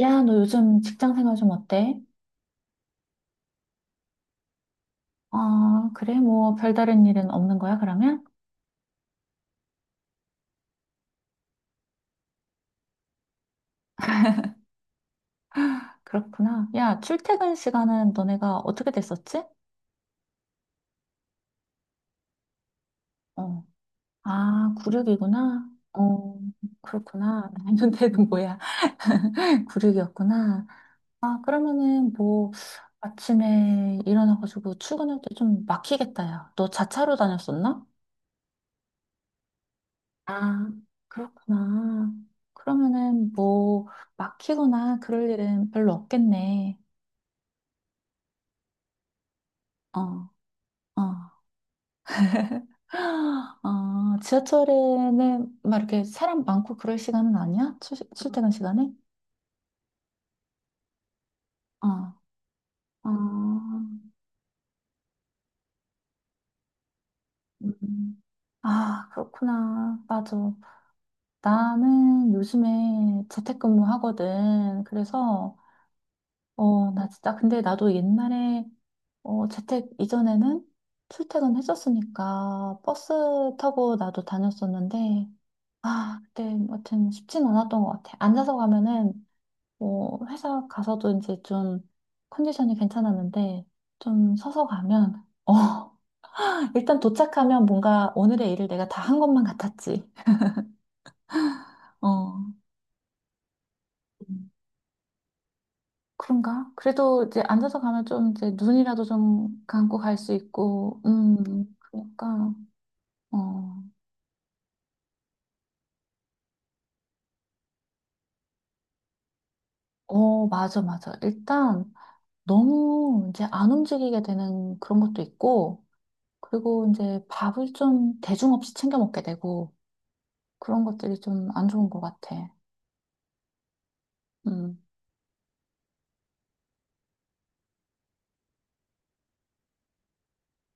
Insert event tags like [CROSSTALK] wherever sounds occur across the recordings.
야, 너 요즘 직장 생활 좀 어때? 아, 그래? 뭐, 별다른 일은 없는 거야, 그러면? 그렇구나. 야, 출퇴근 시간은 너네가 어떻게 됐었지? 어. 아, 구륙이구나 그렇구나. [LAUGHS] 년대는 뭐야? [LAUGHS] 구륙이었구나 아, 그러면은 뭐, 아침에 일어나가지고 출근할 때 좀 막히겠다, 야. 너 자차로 다녔었나? 아, 그렇구나. 그러면은 뭐, 막히거나 그럴 일은 별로 없겠네. 어. 아, [GASPS] 아, 지하철에는 막 이렇게 사람 많고 그럴 시간은 아니야? 출, 출퇴근 시간에? 아, 아, 음. 아, 그렇구나. 맞아. 나는 요즘에 재택근무 하거든. 그래서, 나 진짜, 근데 나도 옛날에, 재택 이전에는 출퇴근 했었으니까 버스 타고 나도 다녔었는데, 아, 그때, 아무튼 쉽진 않았던 것 같아. 앉아서 가면은 뭐 회사 가서도 이제 좀 컨디션이 괜찮았는데 좀 서서 가면 [LAUGHS] 일단 도착하면 뭔가 오늘의 일을 내가 다 한 것만 같았지. 어 음. 그런가? 그래도 이제 앉아서 가면 좀 이제 눈이라도 좀 감고 갈 수 있고 그러니까 어 맞아 맞아 일단 너무 이제 안 움직이게 되는 그런 것도 있고 그리고 이제 밥을 좀 대중 없이 챙겨 먹게 되고 그런 것들이 좀 안 좋은 것 같아. 음.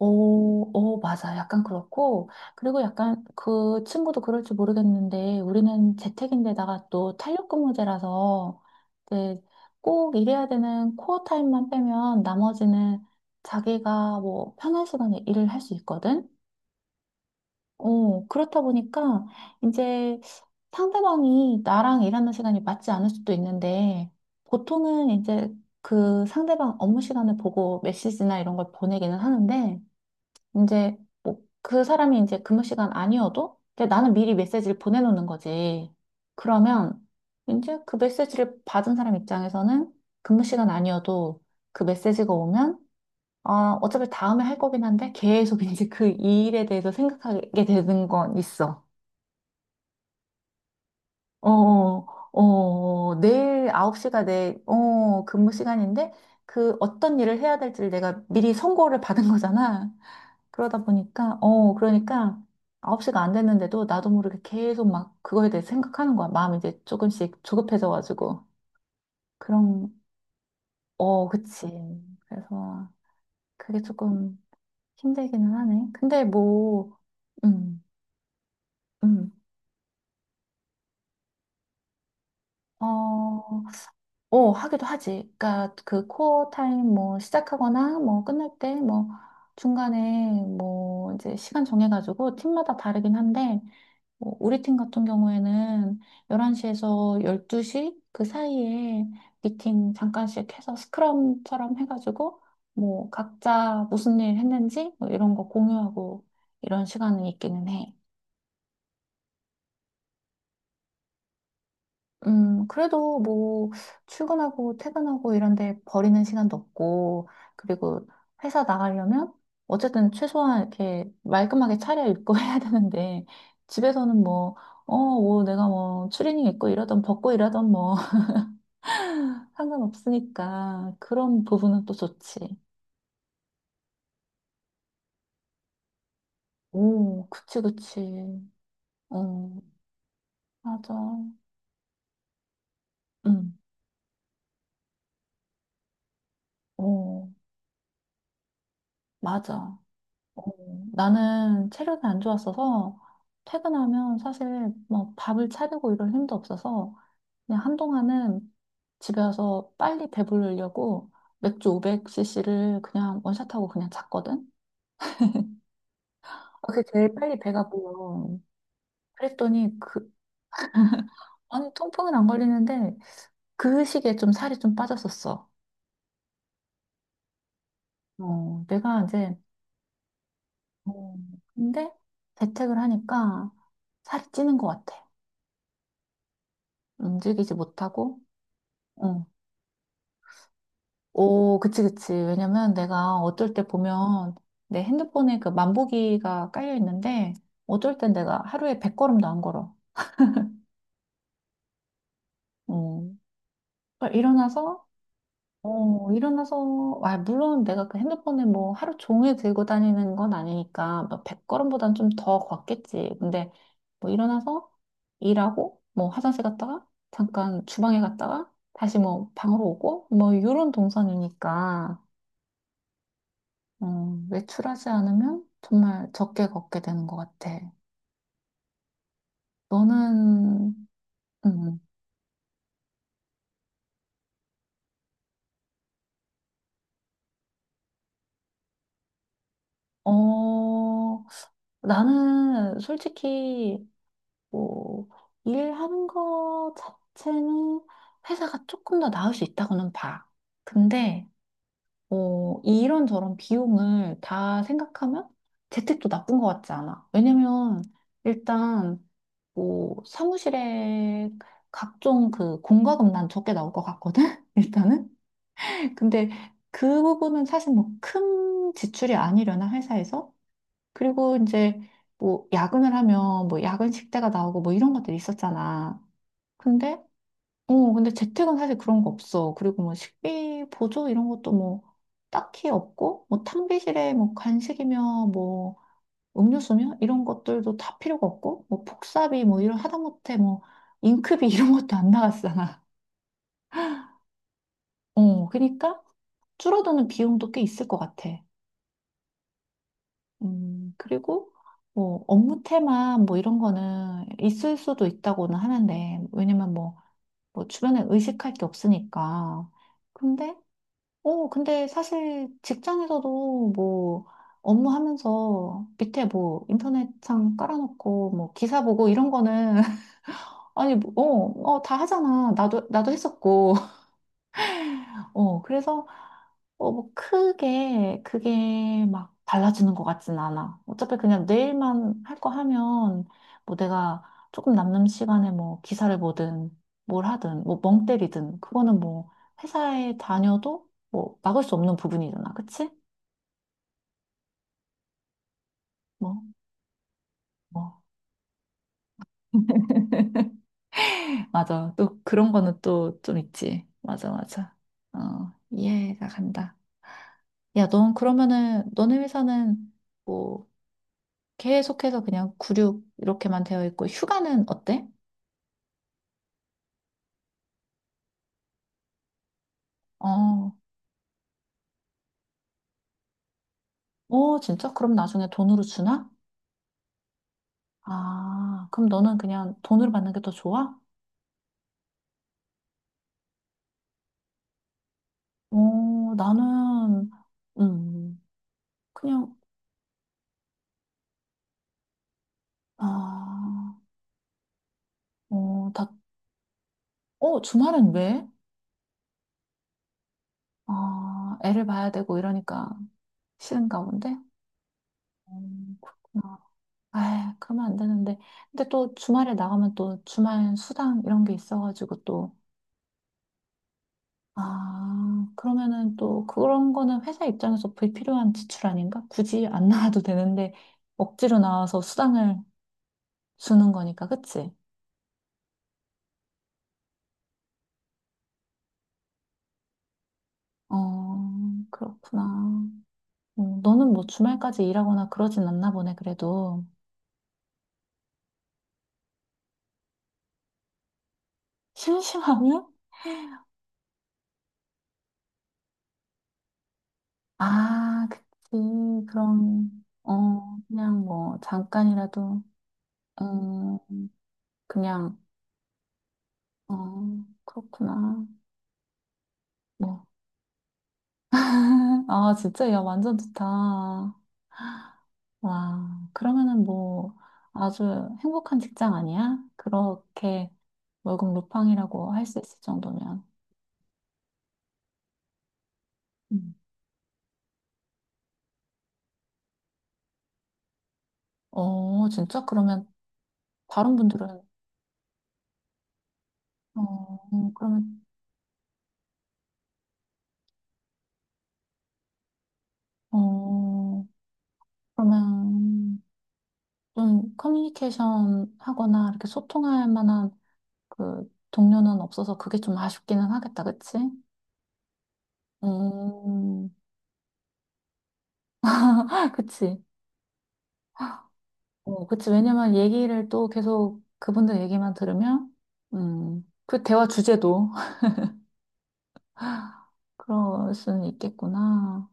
오, 오, 맞아. 약간 그렇고. 그리고 약간 그 친구도 그럴지 모르겠는데, 우리는 재택인데다가 또 탄력근무제라서, 이제 꼭 일해야 되는 코어 타임만 빼면 나머지는 자기가 뭐 편한 시간에 일을 할 수 있거든? 그렇다 보니까 이제 상대방이 나랑 일하는 시간이 맞지 않을 수도 있는데, 보통은 이제 그 상대방 업무 시간을 보고 메시지나 이런 걸 보내기는 하는데, 이제 뭐 그 사람이 이제 근무 시간 아니어도 이제 나는 미리 메시지를 보내놓는 거지. 그러면 이제 그 메시지를 받은 사람 입장에서는 근무 시간 아니어도 그 메시지가 오면 아, 어차피 다음에 할 거긴 한데 계속 [LAUGHS] 이제 그 일에 대해서 생각하게 되는 건 있어. 내일 9시가 근무 시간인데, 그 어떤 일을 해야 될지를 내가 미리 선고를 받은 거잖아. 그러다 보니까, 그러니까 9시가 안 됐는데도 나도 모르게 계속 막 그거에 대해 생각하는 거야. 마음이 이제 조금씩 조급해져가지고. 그럼, 어, 그치. 그래서 그게 조금 힘들기는 하네. 근데 뭐, 음, 음. 어, 하기도 하지. 그러니까 그 코어 타임 뭐 시작하거나 뭐 끝날 때 뭐 중간에 뭐 이제 시간 정해가지고 팀마다 다르긴 한데 뭐 우리 팀 같은 경우에는 11시에서 12시 그 사이에 미팅 잠깐씩 해서 스크럼처럼 해가지고 뭐 각자 무슨 일 했는지 뭐 이런 거 공유하고 이런 시간은 있기는 해. 그래도 뭐, 출근하고 퇴근하고 이런데 버리는 시간도 없고, 그리고 회사 나가려면, 어쨌든 최소한 이렇게 말끔하게 차려입고 [LAUGHS] 해야 되는데, 집에서는 뭐, 어, 뭐 내가 뭐, 추리닝 입고 이러던 벗고 이러던 뭐, [LAUGHS] 상관없으니까, 그런 부분은 또 좋지. 오, 그치, 그치. 어, 맞아. 응, 어, 맞아. 어, 나는 체력이 안 좋았어서 퇴근하면 사실 뭐 밥을 차리고 이럴 힘도 없어서 그냥 한동안은 집에 와서 빨리 배부르려고 맥주 500cc를 그냥 원샷하고 그냥 잤거든. 아, 그게 제일 빨리 배가 불러. 그랬더니 그 아니 통풍은 안 걸리는데 그 시기에 좀 살이 좀 빠졌었어. 어, 내가 이제 어, 근데 재택을 하니까 살이 찌는 것 같아. 움직이지 못하고. 어. 오, 그치, 그치. 왜냐면 내가 어쩔 때 보면 내 핸드폰에 그 만보기가 깔려 있는데 어쩔 땐 내가 하루에 100걸음도 안 걸어. 음. 그러니까 일어나서, 일어나서, 아, 물론 내가 그 핸드폰에 뭐 하루 종일 들고 다니는 건 아니니까 뭐 100걸음보단 좀 더 걷겠지. 근데 뭐 일어나서 일하고 뭐 화장실 갔다가 잠깐 주방에 갔다가 다시 뭐 방으로 오고 뭐 이런 동선이니까 어, 외출하지 않으면 정말 적게 걷게 되는 것 같아. 너는, 음, 어, 나는 솔직히, 뭐, 일하는 거 자체는 회사가 조금 더 나을 수 있다고는 봐. 근데, 뭐 이런저런 비용을 다 생각하면 재택도 나쁜 것 같지 않아. 왜냐면, 일단, 뭐, 사무실에 각종 그 공과금 난 적게 나올 것 같거든? [LAUGHS] 일단은. 근데 그 부분은 사실 뭐 큰 지출이 아니려나 회사에서? 그리고 이제 뭐 야근을 하면 뭐 야근 식대가 나오고 뭐 이런 것들이 있었잖아. 근데 근데 재택은 사실 그런 거 없어. 그리고 뭐 식비 보조 이런 것도 뭐 딱히 없고 뭐 탕비실에 뭐 간식이며 뭐 음료수며 이런 것들도 다 필요가 없고 뭐 복사비 뭐 이런 하다못해 뭐 잉크비 [LAUGHS] 이런 것도 안 나갔잖아. 그러니까 줄어드는 비용도 꽤 있을 것 같아. 그리고 뭐 업무 테마 뭐 이런 거는 있을 수도 있다고는 하는데 왜냐면 뭐, 뭐 주변에 의식할 게 없으니까. 근데 근데 사실 직장에서도 뭐 업무 하면서 밑에 뭐 인터넷창 깔아놓고 뭐 기사 보고 이런 거는 [LAUGHS] 아니 뭐, 어, 어, 다 하잖아. 나도 했었고. [LAUGHS] 그래서 어, 뭐 크게 그게 막 달라지는 것 같진 않아. 어차피 그냥 내일만 할 거 하면 뭐 내가 조금 남는 시간에 뭐 기사를 보든 뭘 하든 뭐 멍 때리든 그거는 뭐 회사에 다녀도 뭐 막을 수 없는 부분이잖아. 그치? 뭐, 뭐. [LAUGHS] 맞아. 또 그런 거는 또 좀 있지. 맞아, 맞아. 어, 이해가 간다. 야, 넌 그러면은 너네 회사는 뭐 계속해서 그냥 구6 이렇게만 되어 있고 휴가는 어때? 어, 어, 진짜? 그럼 나중에 돈으로 주나? 아, 그럼 너는 그냥 돈으로 받는 게 더 좋아? 어, 나는 음, 그냥 아, 어, 다, 어, 주말은 왜? 아, 애를 봐야 되고 이러니까 싫은가 본데? 그렇구나. 아, 그러면 안 되는데. 근데 또 주말에 나가면 또 주말 수당 이런 게 있어가지고 또 아, 그러면은 또 그런 거는 회사 입장에서 불필요한 지출 아닌가? 굳이 안 [LAUGHS] 나와도 되는데 억지로 나와서 수당을 주는 거니까, 그치? 어, 그렇구나. 너는 뭐 주말까지 일하거나 그러진 않나 보네, 그래도. 심심하면? 아, 그치. 그럼, 어, 그냥 뭐 잠깐이라도, 음, 그냥, 어, 그렇구나. 뭐. [LAUGHS] 아, 진짜, 야, 완전 좋다. 와, 그러면은 뭐 아주 행복한 직장 아니야? 그렇게 월급 루팡이라고 할 수 있을 정도면. 음. 어, 진짜? 그러면 다른 분들은, 어, 그러면, 어, 그러면 좀 커뮤니케이션 하거나 이렇게 소통할 만한 그 동료는 없어서 그게 좀 아쉽기는 하겠다, 그치? 음, [LAUGHS] 그치? 어, 그치. 왜냐면 얘기를 또 계속 그분들 얘기만 들으면, 그 대화 주제도 [LAUGHS] 그럴 수는 있겠구나.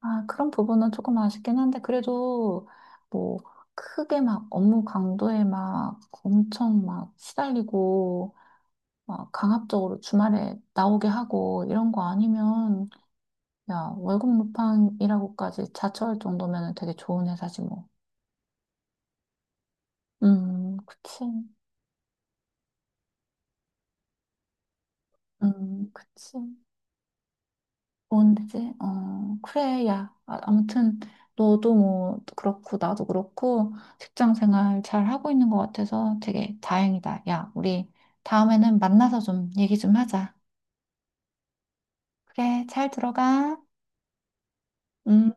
아, 그런 부분은 조금 아쉽긴 한데, 그래도 뭐, 크게 막 업무 강도에 막 엄청 막 시달리고, 막 강압적으로 주말에 나오게 하고, 이런 거 아니면, 야, 월급 루팡이라고까지 자처할 정도면 되게 좋은 회사지 뭐. 그치. 그치. 뭔데지? 어, 그래, 야. 아, 아무튼, 너도 뭐, 그렇고, 나도 그렇고, 직장 생활 잘 하고 있는 것 같아서 되게 다행이다. 야, 우리 다음에는 만나서 좀 얘기 좀 하자. 그래, 잘 들어가. 음.